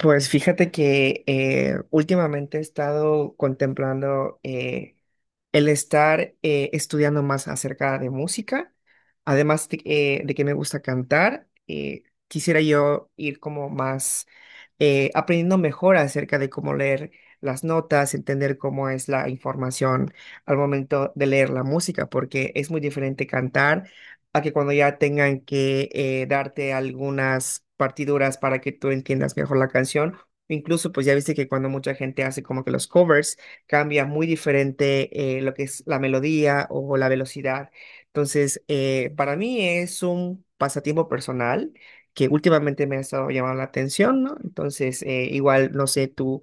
Pues fíjate que últimamente he estado contemplando el estar estudiando más acerca de música, además de que me gusta cantar, quisiera yo ir como más aprendiendo mejor acerca de cómo leer las notas, entender cómo es la información al momento de leer la música, porque es muy diferente cantar a que cuando ya tengan que darte algunas partiduras para que tú entiendas mejor la canción. Incluso, pues ya viste que cuando mucha gente hace como que los covers, cambia muy diferente lo que es la melodía o la velocidad. Entonces, para mí es un pasatiempo personal que últimamente me ha estado llamando la atención, ¿no? Entonces, igual no sé tú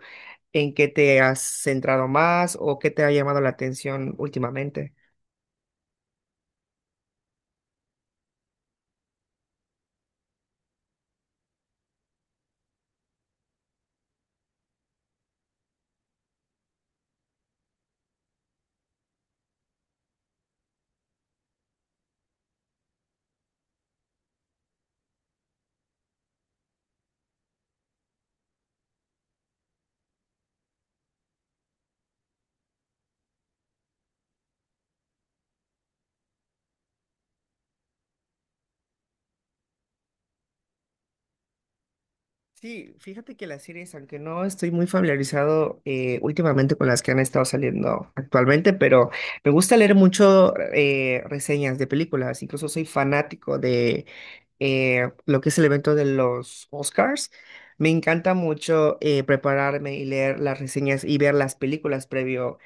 en qué te has centrado más o qué te ha llamado la atención últimamente. Sí, fíjate que las series, aunque no estoy muy familiarizado últimamente con las que han estado saliendo actualmente, pero me gusta leer mucho reseñas de películas, incluso soy fanático de lo que es el evento de los Oscars. Me encanta mucho prepararme y leer las reseñas y ver las películas previo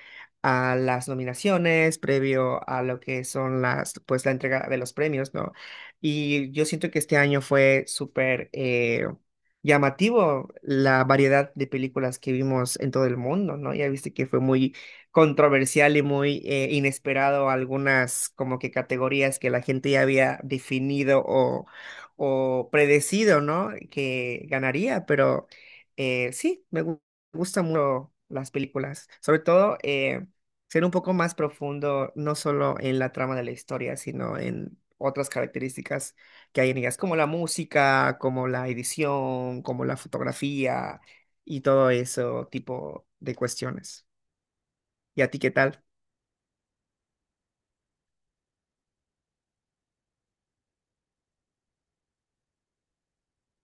a las nominaciones, previo a lo que son las, pues la entrega de los premios, ¿no? Y yo siento que este año fue súper llamativo la variedad de películas que vimos en todo el mundo, ¿no? Ya viste que fue muy controversial y muy inesperado algunas como que categorías que la gente ya había definido o predecido, ¿no? Que ganaría, pero sí, gustan mucho las películas, sobre todo ser un poco más profundo, no solo en la trama de la historia, sino en otras características que hay en ellas, como la música, como la edición, como la fotografía y todo eso tipo de cuestiones. ¿Y a ti qué tal?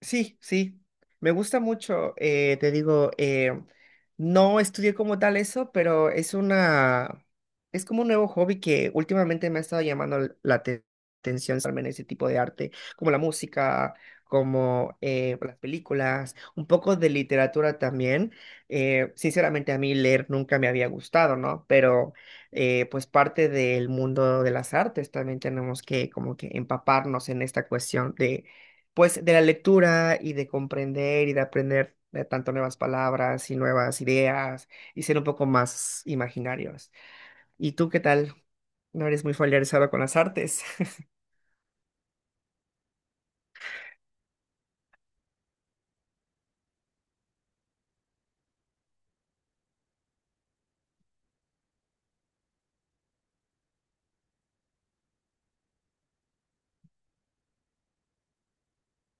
Sí, sí, me gusta mucho, te digo, no estudié como tal eso, pero es una, es como un nuevo hobby que últimamente me ha estado llamando atención, estarme en ese tipo de arte, como la música, como las películas, un poco de literatura también. Sinceramente a mí leer nunca me había gustado, ¿no? Pero pues parte del mundo de las artes también tenemos que como que empaparnos en esta cuestión de pues de la lectura y de comprender y de aprender tanto nuevas palabras y nuevas ideas y ser un poco más imaginarios. ¿Y tú qué tal? ¿No eres muy familiarizado con las artes?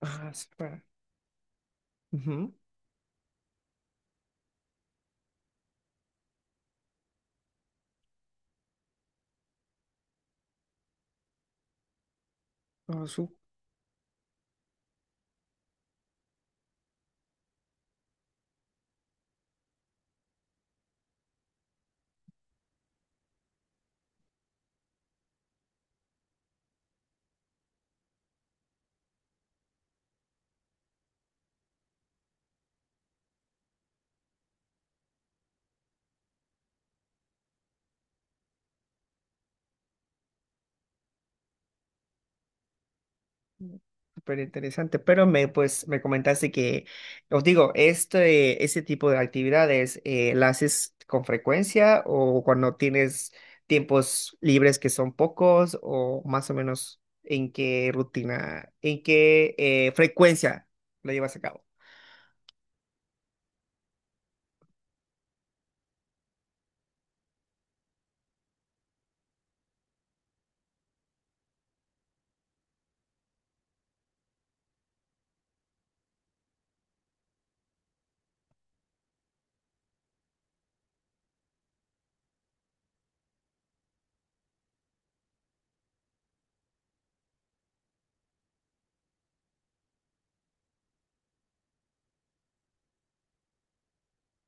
Ah, súper. Ujú. Ah, súper interesante, pero me, pues, me comentaste que, os digo, este, ese tipo de actividades, ¿la haces con frecuencia o cuando tienes tiempos libres que son pocos o más o menos en qué rutina, en qué frecuencia lo llevas a cabo?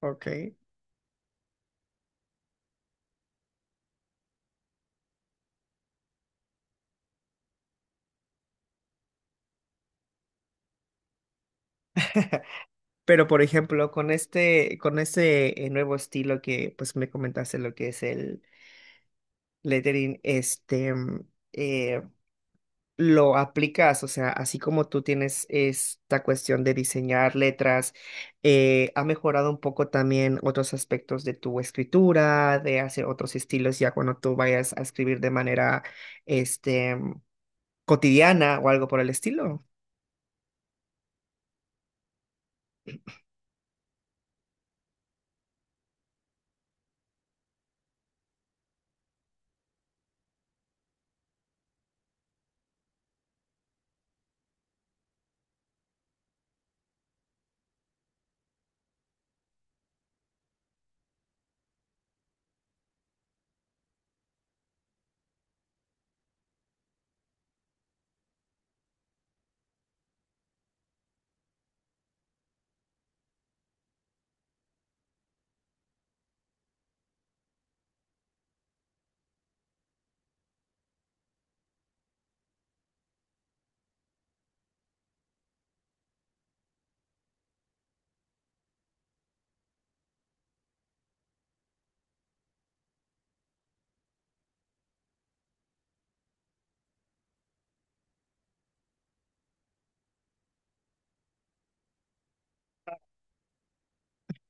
Ok, pero por ejemplo, con este nuevo estilo que pues me comentaste lo que es el lettering, este, mm, eh, lo aplicas, o sea, así como tú tienes esta cuestión de diseñar letras, ha mejorado un poco también otros aspectos de tu escritura, de hacer otros estilos ya cuando tú vayas a escribir de manera, este, cotidiana o algo por el estilo.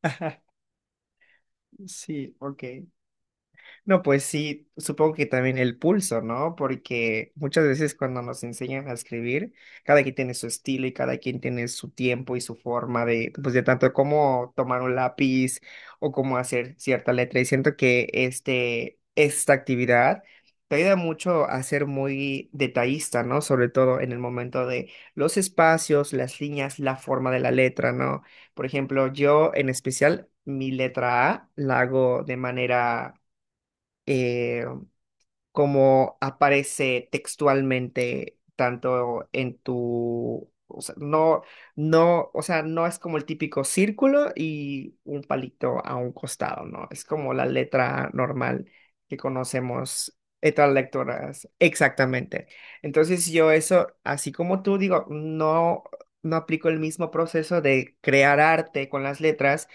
Sí, ok. No, pues sí, supongo que también el pulso, ¿no? Porque muchas veces cuando nos enseñan a escribir, cada quien tiene su estilo y cada quien tiene su tiempo y su forma de, pues de tanto cómo tomar un lápiz o cómo hacer cierta letra. Y siento que este, esta actividad te ayuda mucho a ser muy detallista, ¿no? Sobre todo en el momento de los espacios, las líneas, la forma de la letra, ¿no? Por ejemplo, yo en especial, mi letra A la hago de manera eh, como aparece textualmente tanto en tu, o sea, no, no, o sea, no es como el típico círculo y un palito a un costado, ¿no? Es como la letra normal que conocemos. Otras lectoras, exactamente. Entonces yo eso, así como tú digo, no, no aplico el mismo proceso de crear arte con las letras,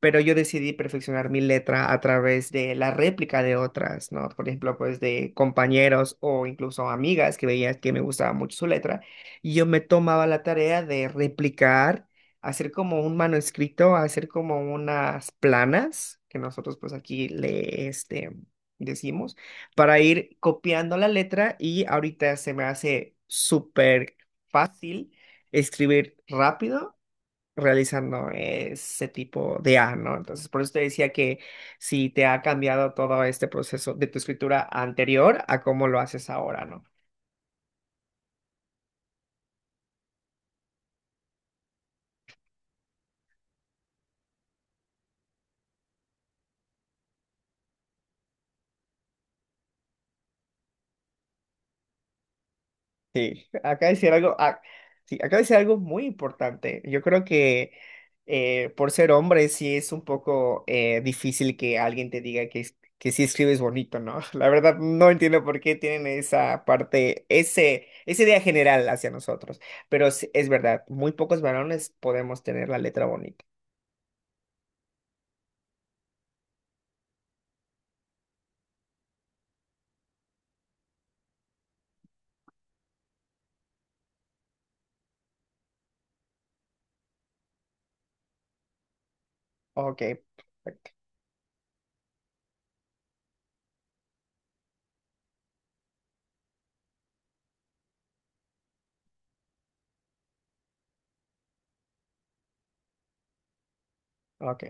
pero yo decidí perfeccionar mi letra a través de la réplica de otras, ¿no? Por ejemplo, pues de compañeros o incluso amigas que veía que me gustaba mucho su letra, y yo me tomaba la tarea de replicar, hacer como un manuscrito, hacer como unas planas, que nosotros pues aquí le, este, decimos, para ir copiando la letra y ahorita se me hace súper fácil escribir rápido realizando ese tipo de A, ¿no? Entonces, por eso te decía que si te ha cambiado todo este proceso de tu escritura anterior a cómo lo haces ahora, ¿no? Sí, acá decir algo, ah, sí, acá decir algo muy importante. Yo creo que por ser hombre sí es un poco difícil que alguien te diga que, que sí escribes bonito, ¿no? La verdad no entiendo por qué tienen esa parte, ese, esa idea general hacia nosotros. Pero sí, es verdad, muy pocos varones podemos tener la letra bonita. Ok, perfecto. Ok,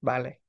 vale.